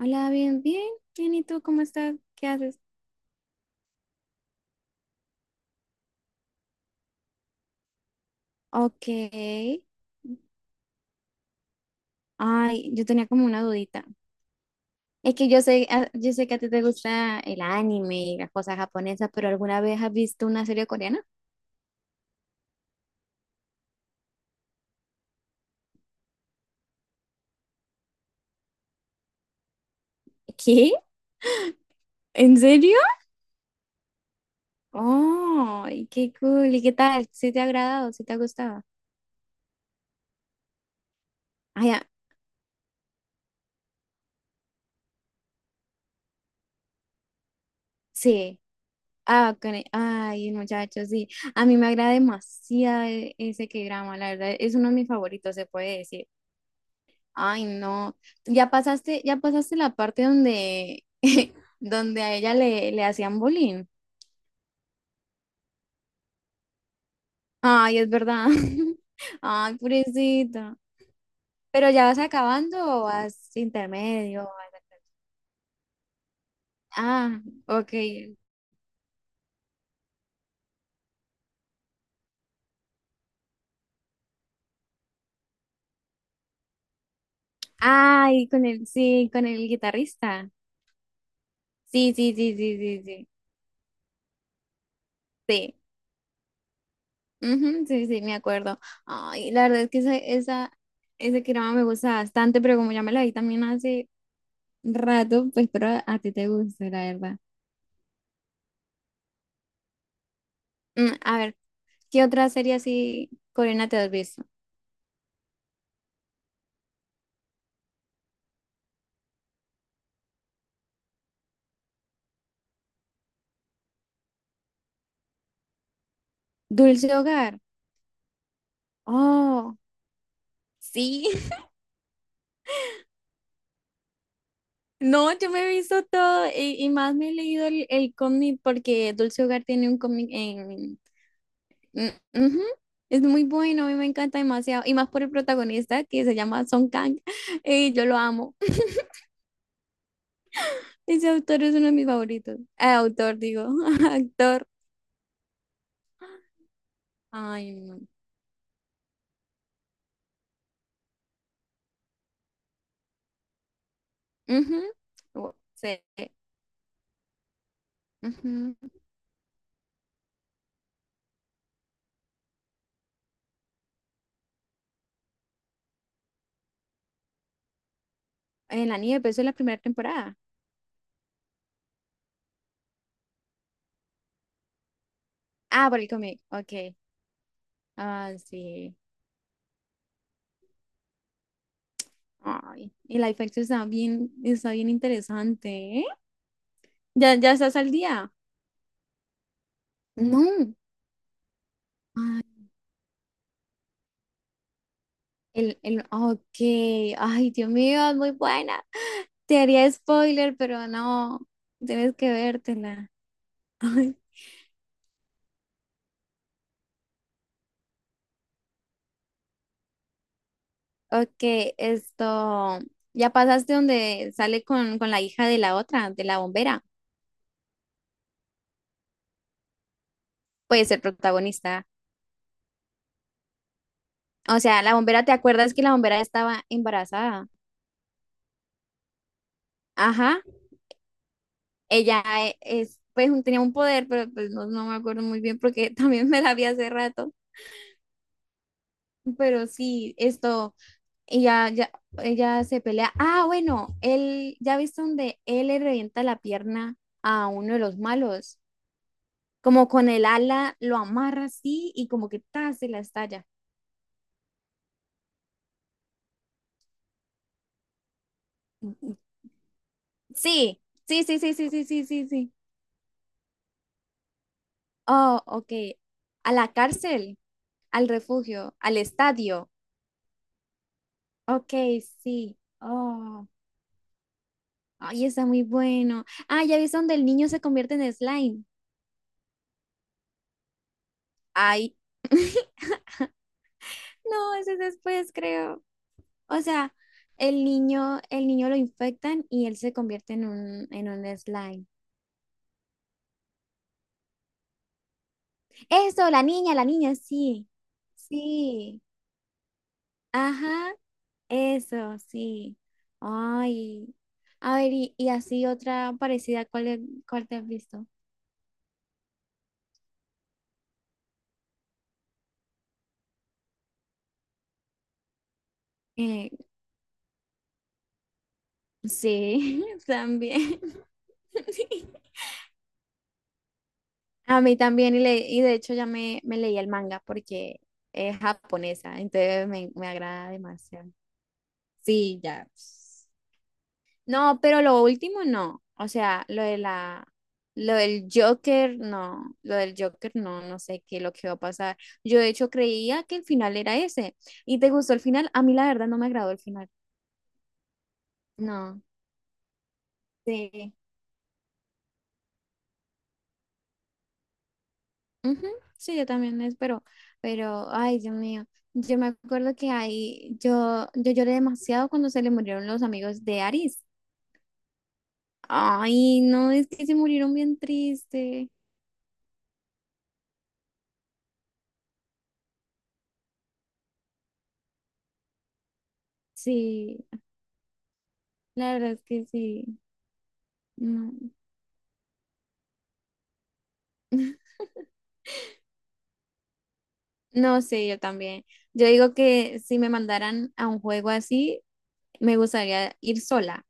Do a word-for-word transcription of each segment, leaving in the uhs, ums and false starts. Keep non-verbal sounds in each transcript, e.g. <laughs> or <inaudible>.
Hola, bien, bien, bien, ¿y tú cómo estás? ¿Qué haces? Ok. Ay, yo tenía como una dudita. Es que yo sé, ah, yo sé que a ti te gusta el anime y las cosas japonesas, pero ¿alguna vez has visto una serie coreana? ¿Qué? ¿En serio? Oh, qué cool. ¿Y qué tal? ¿Sí te ha agradado? ¿Sí te ha gustado? Ay, ah, sí. Ah, con e- ay, muchachos, sí. A mí me agrada demasiado e- ese k drama, la verdad. Es uno de mis favoritos, se puede decir. Ay, no. Ya pasaste, ya pasaste la parte donde, <laughs> donde a ella le, le hacían bullying. Ay, es verdad. <laughs> Ay, pobrecita. ¿Pero ya vas acabando o vas intermedio, o vas a-? Ah, ok. Ay, con el, sí, con el guitarrista. Sí, sí, sí, sí, sí, sí. Sí. Ujú, sí, sí, me acuerdo. Ay, la verdad es que esa, esa, ese drama me gusta bastante, pero como ya me la vi también hace rato, pues espero a ti te guste, la verdad. Mm, a ver, ¿qué otra serie así coreana te has visto? Dulce Hogar. Oh, sí. <laughs> No, yo me he visto todo y, y más me he leído el, el cómic porque Dulce Hogar tiene un cómic en... Mm, ujú. Es muy bueno, a mí me encanta demasiado. Y más por el protagonista, que se llama Song Kang. <laughs> Y yo lo amo. <laughs> Ese autor es uno de mis favoritos. Eh, autor, digo. <laughs> Actor. Ay, no. Ujú. Oh, sí. Ujú. En la nieve, pero eso es la primera temporada. Ah, por el cómic, ok. Ah, sí. Ay, el live action está bien, está bien interesante, ¿eh? ¿Ya, ya estás al día? No. Ay, el, el, ok. Ay, Dios mío, es muy buena. Te haría spoiler, pero no. Tienes que vértela. <laughs> Ay, ok, esto. Ya pasaste donde sale con, con la hija de la otra, de la bombera. Puede ser protagonista. O sea, la bombera, ¿te acuerdas que la bombera estaba embarazada? Ajá. ella e- es, pues un- tenía un poder, pero pues no, no me acuerdo muy bien porque <laughs> también me la vi hace rato. Pero sí, esto, ella, ya, ella se pelea. Ah, bueno, él, ya viste donde él le revienta la pierna a uno de los malos. Como con el ala lo amarra así y como que ta, se la estalla. Sí, sí, sí, sí, sí, sí, sí, sí, sí. Oh, ok. A la cárcel, al refugio, al estadio. Ok, sí. Oh. Ay, está muy bueno. Ah, ya viste donde el niño se convierte en slime. Ay, no, ese es después, creo. O sea, el niño, el niño lo infectan y él se convierte en un, en un slime. Eso, la niña, la niña, sí. Sí. Ajá, eso, sí. Ay. A ver, y, y así otra parecida, ¿cuál, cuál te has visto? Eh, sí, <laughs> también. <laughs> A mí también, y, le, y de hecho ya me, me leí el manga porque es japonesa, entonces me, me agrada demasiado. Sí, ya, pues. No, pero lo último no. O sea, lo de la, lo del Joker, no. Lo del Joker, no, no sé qué es lo que va a pasar. Yo de hecho creía que el final era ese. ¿Y te gustó el final? A mí la verdad no me agradó el final. No. Sí. Ujú. Sí, yo también espero, pero ay, Dios mío, yo me acuerdo que ahí yo, yo lloré demasiado cuando se le murieron los amigos de Aris. Ay, no, es que se murieron bien triste. Sí, la verdad es que sí. No. <laughs> No, sé yo también. Yo digo que si me mandaran a un juego así, me gustaría ir sola,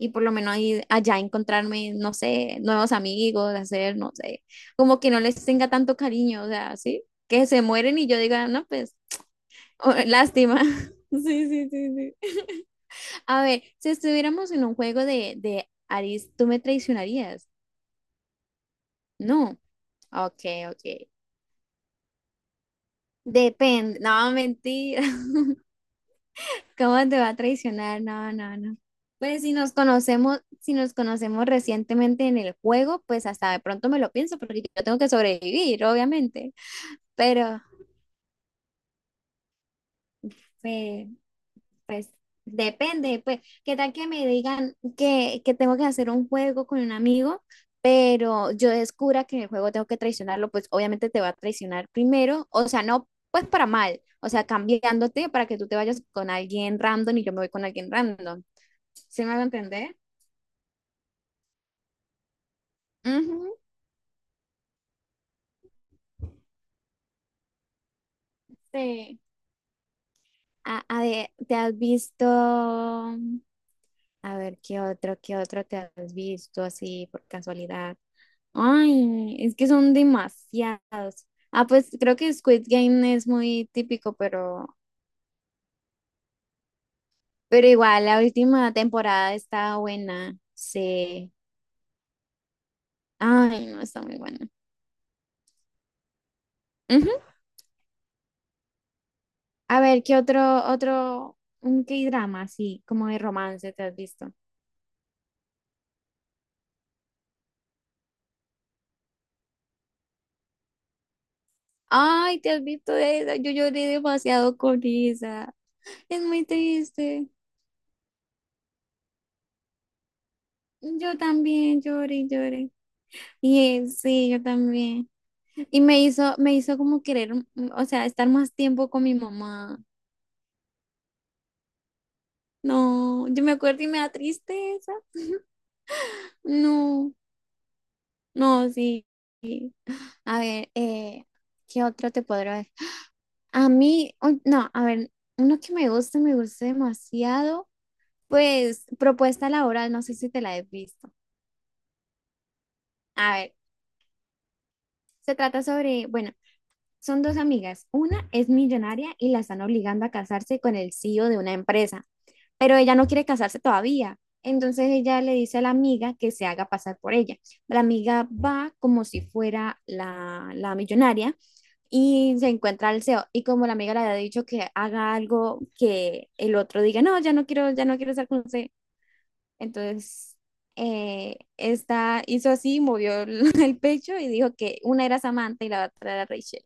y por lo menos ahí, allá encontrarme, no sé, nuevos amigos, hacer, no sé, como que no les tenga tanto cariño, o sea, sí, que se mueren y yo diga, no, pues, oh, lástima. <laughs> Sí, sí, sí, sí. A ver, si estuviéramos en un juego de, de Aris, ¿tú me traicionarías? No. Ok, ok. Depende. No, mentira. ¿Cómo te va a traicionar? No, no, no. Pues si nos conocemos, si nos conocemos recientemente en el juego, pues hasta de pronto me lo pienso, porque yo tengo que sobrevivir, obviamente. Pero, eh, pues, depende, pues, ¿qué tal que me digan que, que tengo que hacer un juego con un amigo, pero yo descubra que en el juego tengo que traicionarlo? Pues obviamente te va a traicionar primero, o sea, no, pues para mal, o sea, cambiándote para que tú te vayas con alguien random y yo me voy con alguien random. ¿Sí me va a entender? Ujú. Sí. A, a ver, ¿te has visto? A ver, ¿qué otro, qué otro te has visto así por casualidad? Ay, es que son demasiados. Ah, pues creo que Squid Game es muy típico, pero, pero igual, la última temporada está buena. Sí. Ay, no, está muy buena. Ujú. A ver, ¿qué otro, otro, un K-drama así, como de romance te has visto? Ay, te has visto esa, yo lloré demasiado con esa. Es muy triste. Yo también lloré y lloré. Y él, sí, yo también. Y me hizo, me hizo como querer, mm, mm, o sea, estar más tiempo con mi mamá. No, yo me acuerdo y me da tristeza. <laughs> No, no, sí. A ver, eh, ¿qué otro te podré ver? A mí, un- no, a ver, uno que me gusta, me gusta demasiado, pues propuesta laboral, no sé si te la he visto. A ver, se trata sobre, bueno, son dos amigas. Una es millonaria y la están obligando a casarse con el C E O de una empresa, pero ella no quiere casarse todavía. Entonces ella le dice a la amiga que se haga pasar por ella. La amiga va como si fuera la, la millonaria y se encuentra al C E O. Y como la amiga le había dicho que haga algo que el otro diga, no, ya no quiero, ya no quiero estar con usted. Entonces eh, esta hizo así, movió <laughs> el, el pecho y dijo que una era Samantha y la otra era Rachel.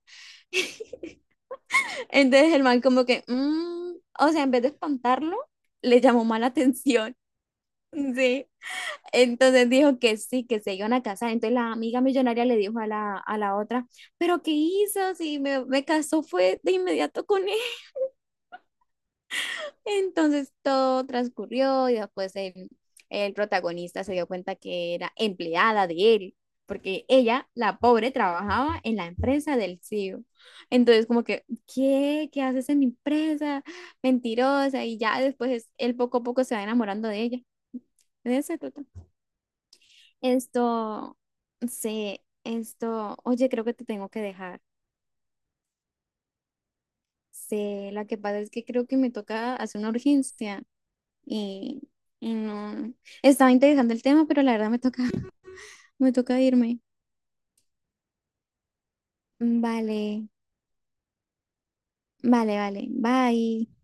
Entonces el man como que, "Mm", o sea, en vez de espantarlo, le llamó mala atención. <laughs> Sí. Entonces dijo que sí, que se iban a casar. Entonces la amiga millonaria le dijo a la, a la otra, pero ¿qué hizo? Si me, me casó fue de inmediato con. Entonces todo transcurrió y después el, el protagonista se dio cuenta que era empleada de él, porque ella, la pobre, trabajaba en la empresa del C E O. Entonces como que, ¿qué? ¿Qué haces en mi empresa? Mentirosa. Y ya después él poco a poco se va enamorando de ella. De eso se trata. Esto, se, esto, oye, creo que te tengo que dejar. Sí, la que pasa es que creo que me toca hacer una urgencia. Y, y no, estaba interesante el tema, pero la verdad me toca, <laughs> me toca irme. Vale, vale, vale. Bye.